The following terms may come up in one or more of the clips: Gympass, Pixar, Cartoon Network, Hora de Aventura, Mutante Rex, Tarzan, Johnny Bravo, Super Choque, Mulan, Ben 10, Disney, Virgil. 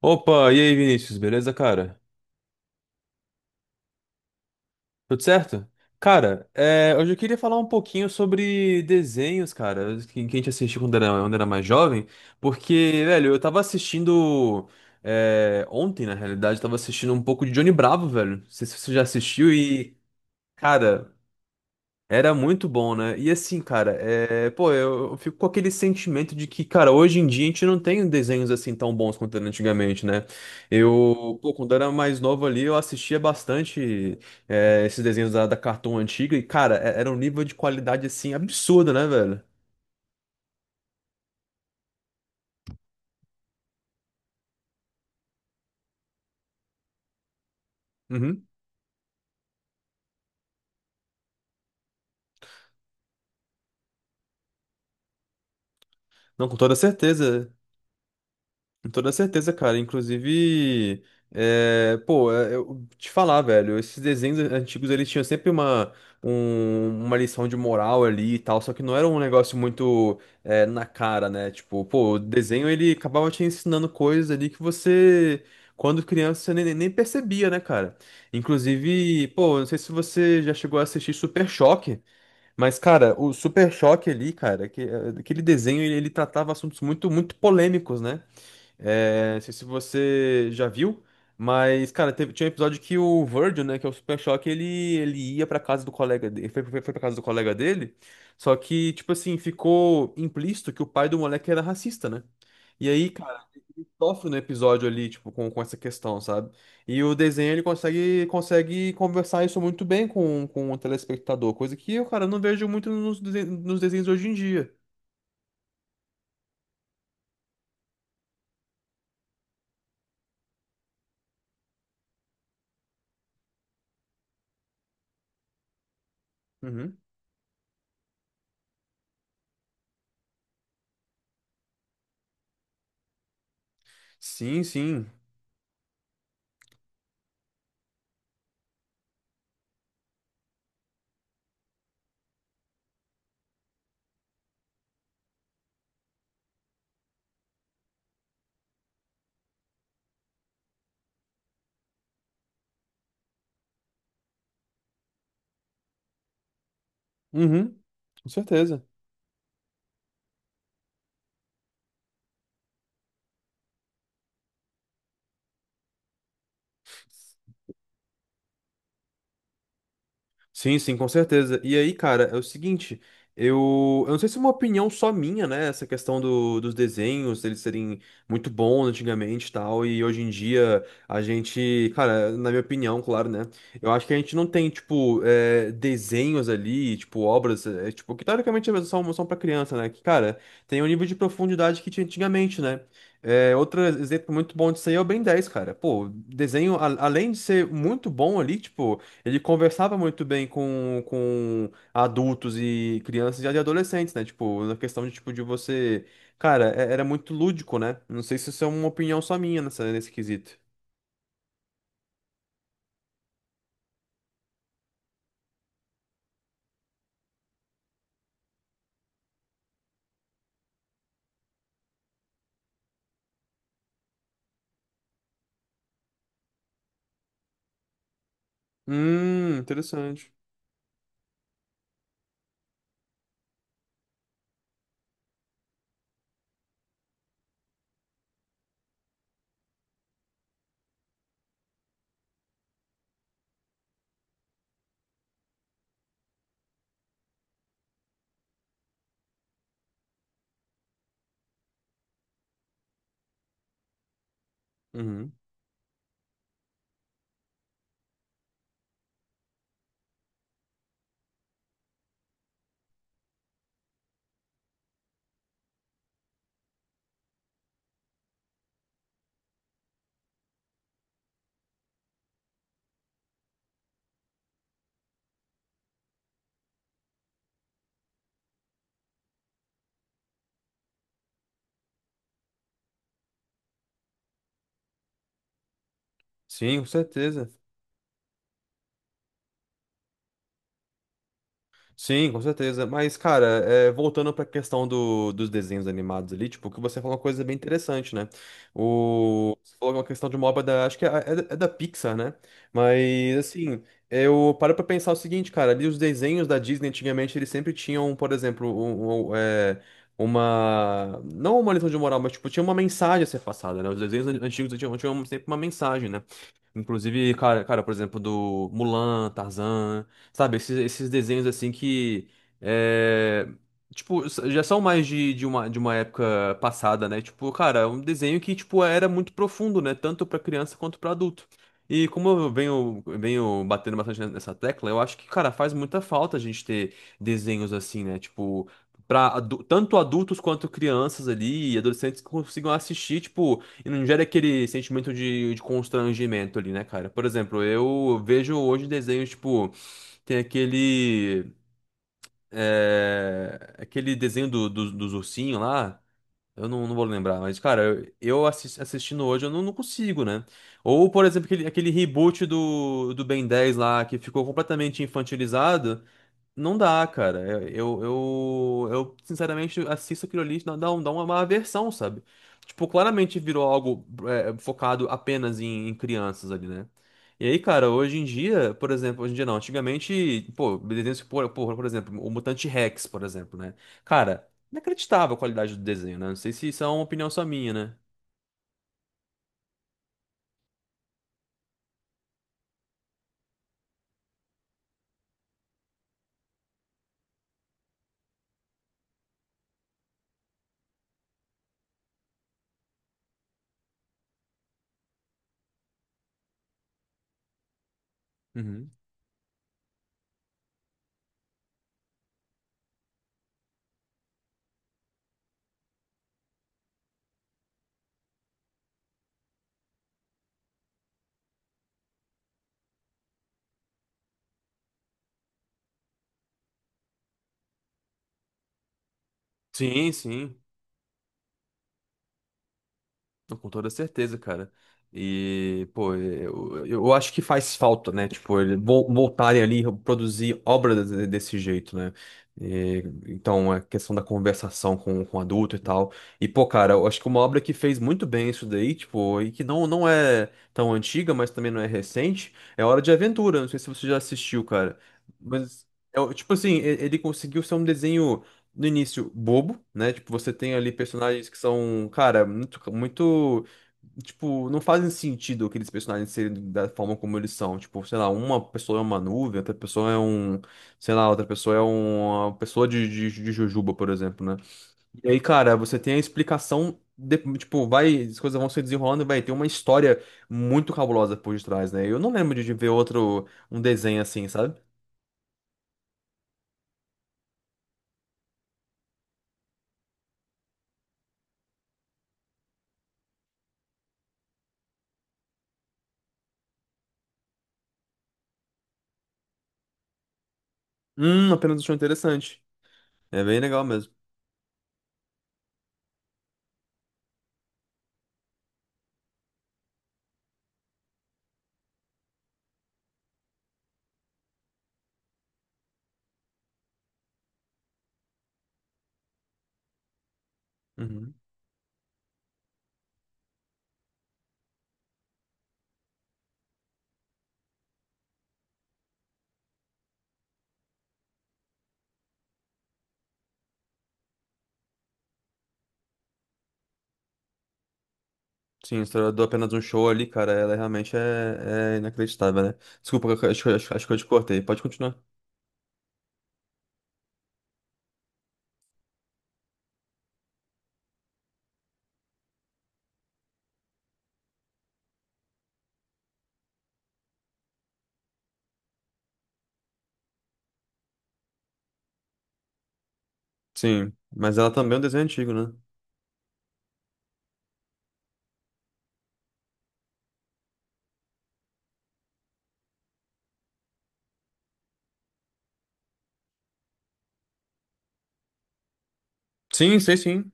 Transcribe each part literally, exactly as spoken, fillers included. Opa, e aí, Vinícius, beleza, cara? Tudo certo? Cara, é, hoje eu queria falar um pouquinho sobre desenhos, cara, que, que a gente assistiu quando era, quando era mais jovem, porque, velho, eu tava assistindo é, ontem, na realidade, eu tava assistindo um pouco de Johnny Bravo, velho. Não sei se você já assistiu e, cara, Era muito bom, né? E assim, cara, é... pô, eu, eu fico com aquele sentimento de que, cara, hoje em dia a gente não tem desenhos assim tão bons quanto era antigamente, né? Eu, pô, quando era mais novo ali, eu assistia bastante é, esses desenhos da, da Cartoon antiga e, cara, é- era um nível de qualidade assim absurdo, né, velho? Uhum. Não, com toda certeza. Com toda certeza, cara. Inclusive, é, pô, é, eu te falar, velho, esses desenhos antigos eles tinham sempre uma, um- uma lição de moral ali e tal, só que não era um negócio muito é, na cara, né? Tipo, pô, o desenho ele acabava te ensinando coisas ali que você, quando criança, você nem, nem percebia, né, cara? Inclusive, pô, não sei se você já chegou a assistir Super Choque. Mas, cara, o Super Choque ali, cara, que, aquele desenho, ele, ele tratava assuntos muito, muito polêmicos, né? É, não sei se você já viu, mas, cara, teve- tinha um episódio que o Virgil, né, que é o Super Choque, ele, ele ia pra casa do colega dele, foi, foi, foi pra casa do colega dele, só que, tipo assim, ficou implícito que o pai do moleque era racista, né? E aí, cara, ele sofre no episódio ali, tipo, com, com essa questão, sabe? E o desenho, ele consegue, consegue conversar isso muito bem com, com o telespectador, coisa que eu, cara, não vejo muito nos, desen- nos desenhos hoje em dia. Uhum. Sim, sim. Uhum. Com certeza. Sim, sim, com certeza. E aí, cara, é o seguinte, eu, eu não sei se é uma opinião só minha, né? Essa questão do, dos desenhos, eles serem muito bons antigamente e tal, e hoje em dia a gente, cara, na minha opinião, claro, né? Eu acho que a gente não tem, tipo, é, desenhos ali, tipo, obras, é, tipo, que teoricamente são, são pra criança, né? Que, cara, tem um nível de profundidade que tinha antigamente, né? É, outro exemplo muito bom disso aí é o Ben dez, cara. Pô, desenho, a- além de ser muito bom ali, tipo. Ele conversava muito bem com, com adultos e crianças e adolescentes, né? Tipo, na questão de, tipo, de você... Cara, é- era muito lúdico, né? Não sei se isso é uma opinião só minha nessa, nesse quesito. Hum, interessante. Uhum. Sim, com certeza. Sim, com certeza. Mas, cara, é, voltando pra questão do, dos desenhos animados ali, tipo, o que você falou é uma coisa bem interessante, né? Você falou uma questão de uma obra da. Acho que é, é da é da Pixar, né? Mas, assim, eu paro pra pensar o seguinte, cara. Ali os desenhos da Disney antigamente, eles sempre tinham, por exemplo, um, um, um, é, uma. Não uma lição de moral, mas, tipo, tinha uma mensagem a ser passada, né? Os desenhos an- antigos tinham, tinham sempre uma mensagem, né? Inclusive, cara, cara, por exemplo, do Mulan, Tarzan, sabe? Esses, esses desenhos, assim, que. é, Tipo, s- já são mais de, de uma, de uma época passada, né? Tipo, cara, é um desenho que, tipo, era muito profundo, né? Tanto pra criança quanto pra adulto. E como eu venho, venho batendo bastante nessa tecla, eu acho que, cara, faz muita falta a gente ter desenhos assim, né? Tipo, pra adu- tanto adultos quanto crianças ali e adolescentes que consigam assistir, tipo, e não gera aquele sentimento de, de constrangimento ali, né, cara? Por exemplo, eu vejo hoje desenhos, tipo, tem aquele é, aquele desenho do, do- dos ursinhos lá, eu não, não vou lembrar, mas, cara, eu, eu assis- assistindo hoje, eu não, não consigo, né? Ou, por exemplo, aquele, aquele reboot do, do Ben dez lá, que ficou completamente infantilizado. Não dá, cara. Eu, eu, eu, eu, sinceramente assisto aquilo ali, dá, dá um- dá uma uma aversão, sabe? Tipo, claramente virou algo é, focado apenas em, em crianças ali, né? E aí, cara, hoje em dia, por exemplo, hoje em dia não, antigamente, pô, desenhos, por, por, por exemplo, o Mutante Rex, por exemplo, né? Cara, inacreditável a qualidade do desenho, né? Não sei se isso é uma opinião só minha, né? Uhum. Sim, sim. Não, com toda certeza, cara. E, pô, eu, eu acho que faz falta, né? Tipo, ele vol- voltarem ali a produzir obras de- desse jeito, né? E, então, a questão da conversação com, com adulto e tal. E, pô, cara, eu acho que uma obra que fez muito bem isso daí, tipo, e que não, não é tão antiga, mas também não é recente, é Hora de Aventura. Não sei se você já assistiu, cara. Mas, é, o- tipo assim, e- ele conseguiu ser um desenho no início bobo, né? Tipo, você tem ali personagens que são, cara, muito, muito, tipo, não fazem sentido aqueles personagens serem da forma como eles são. Tipo, sei lá, uma pessoa é uma nuvem, outra pessoa é um, sei lá, outra pessoa é uma pessoa de, de, de jujuba, por exemplo, né? E aí, cara, você tem a explicação de- tipo, vai, as coisas vão se desenrolando e vai ter uma história muito cabulosa por detrás, né? Eu não lembro de de ver outro, um desenho assim, sabe? Hum, apenas achou interessante. É bem legal mesmo. Uhum. Sim, a história do apenas um show ali, cara, ela realmente é, é inacreditável, né? Desculpa, acho, que- acho, que- acho que eu te cortei. Pode continuar. Sim, mas ela também é um desenho antigo, né? Sim, sei sim.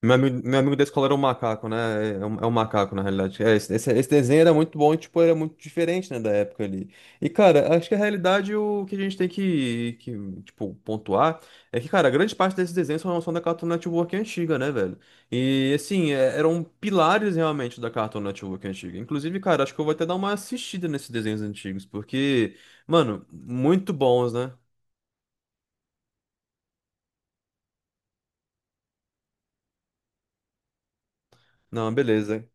Meu amigo, meu amigo da escola era um macaco, né? É é um, é um macaco, na realidade. É, esse, esse- esse desenho era muito bom e, tipo, era muito diferente, né, da época ali. E, cara, acho que a realidade, o que a gente tem que, que, tipo, pontuar é que, cara, grande parte desses desenhos são, são da Cartoon Network antiga, né, velho? E, assim, é- eram pilares, realmente, da Cartoon Network antiga. Inclusive, cara, acho que eu vou até dar uma assistida nesses desenhos antigos, porque, mano, muito bons, né? Não, beleza.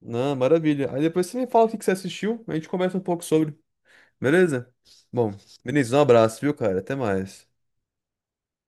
Não, maravilha. Aí depois você me fala o que que você assistiu, a gente conversa um pouco sobre. Beleza? Bom, Vinícius, um abraço, viu, cara? Até mais.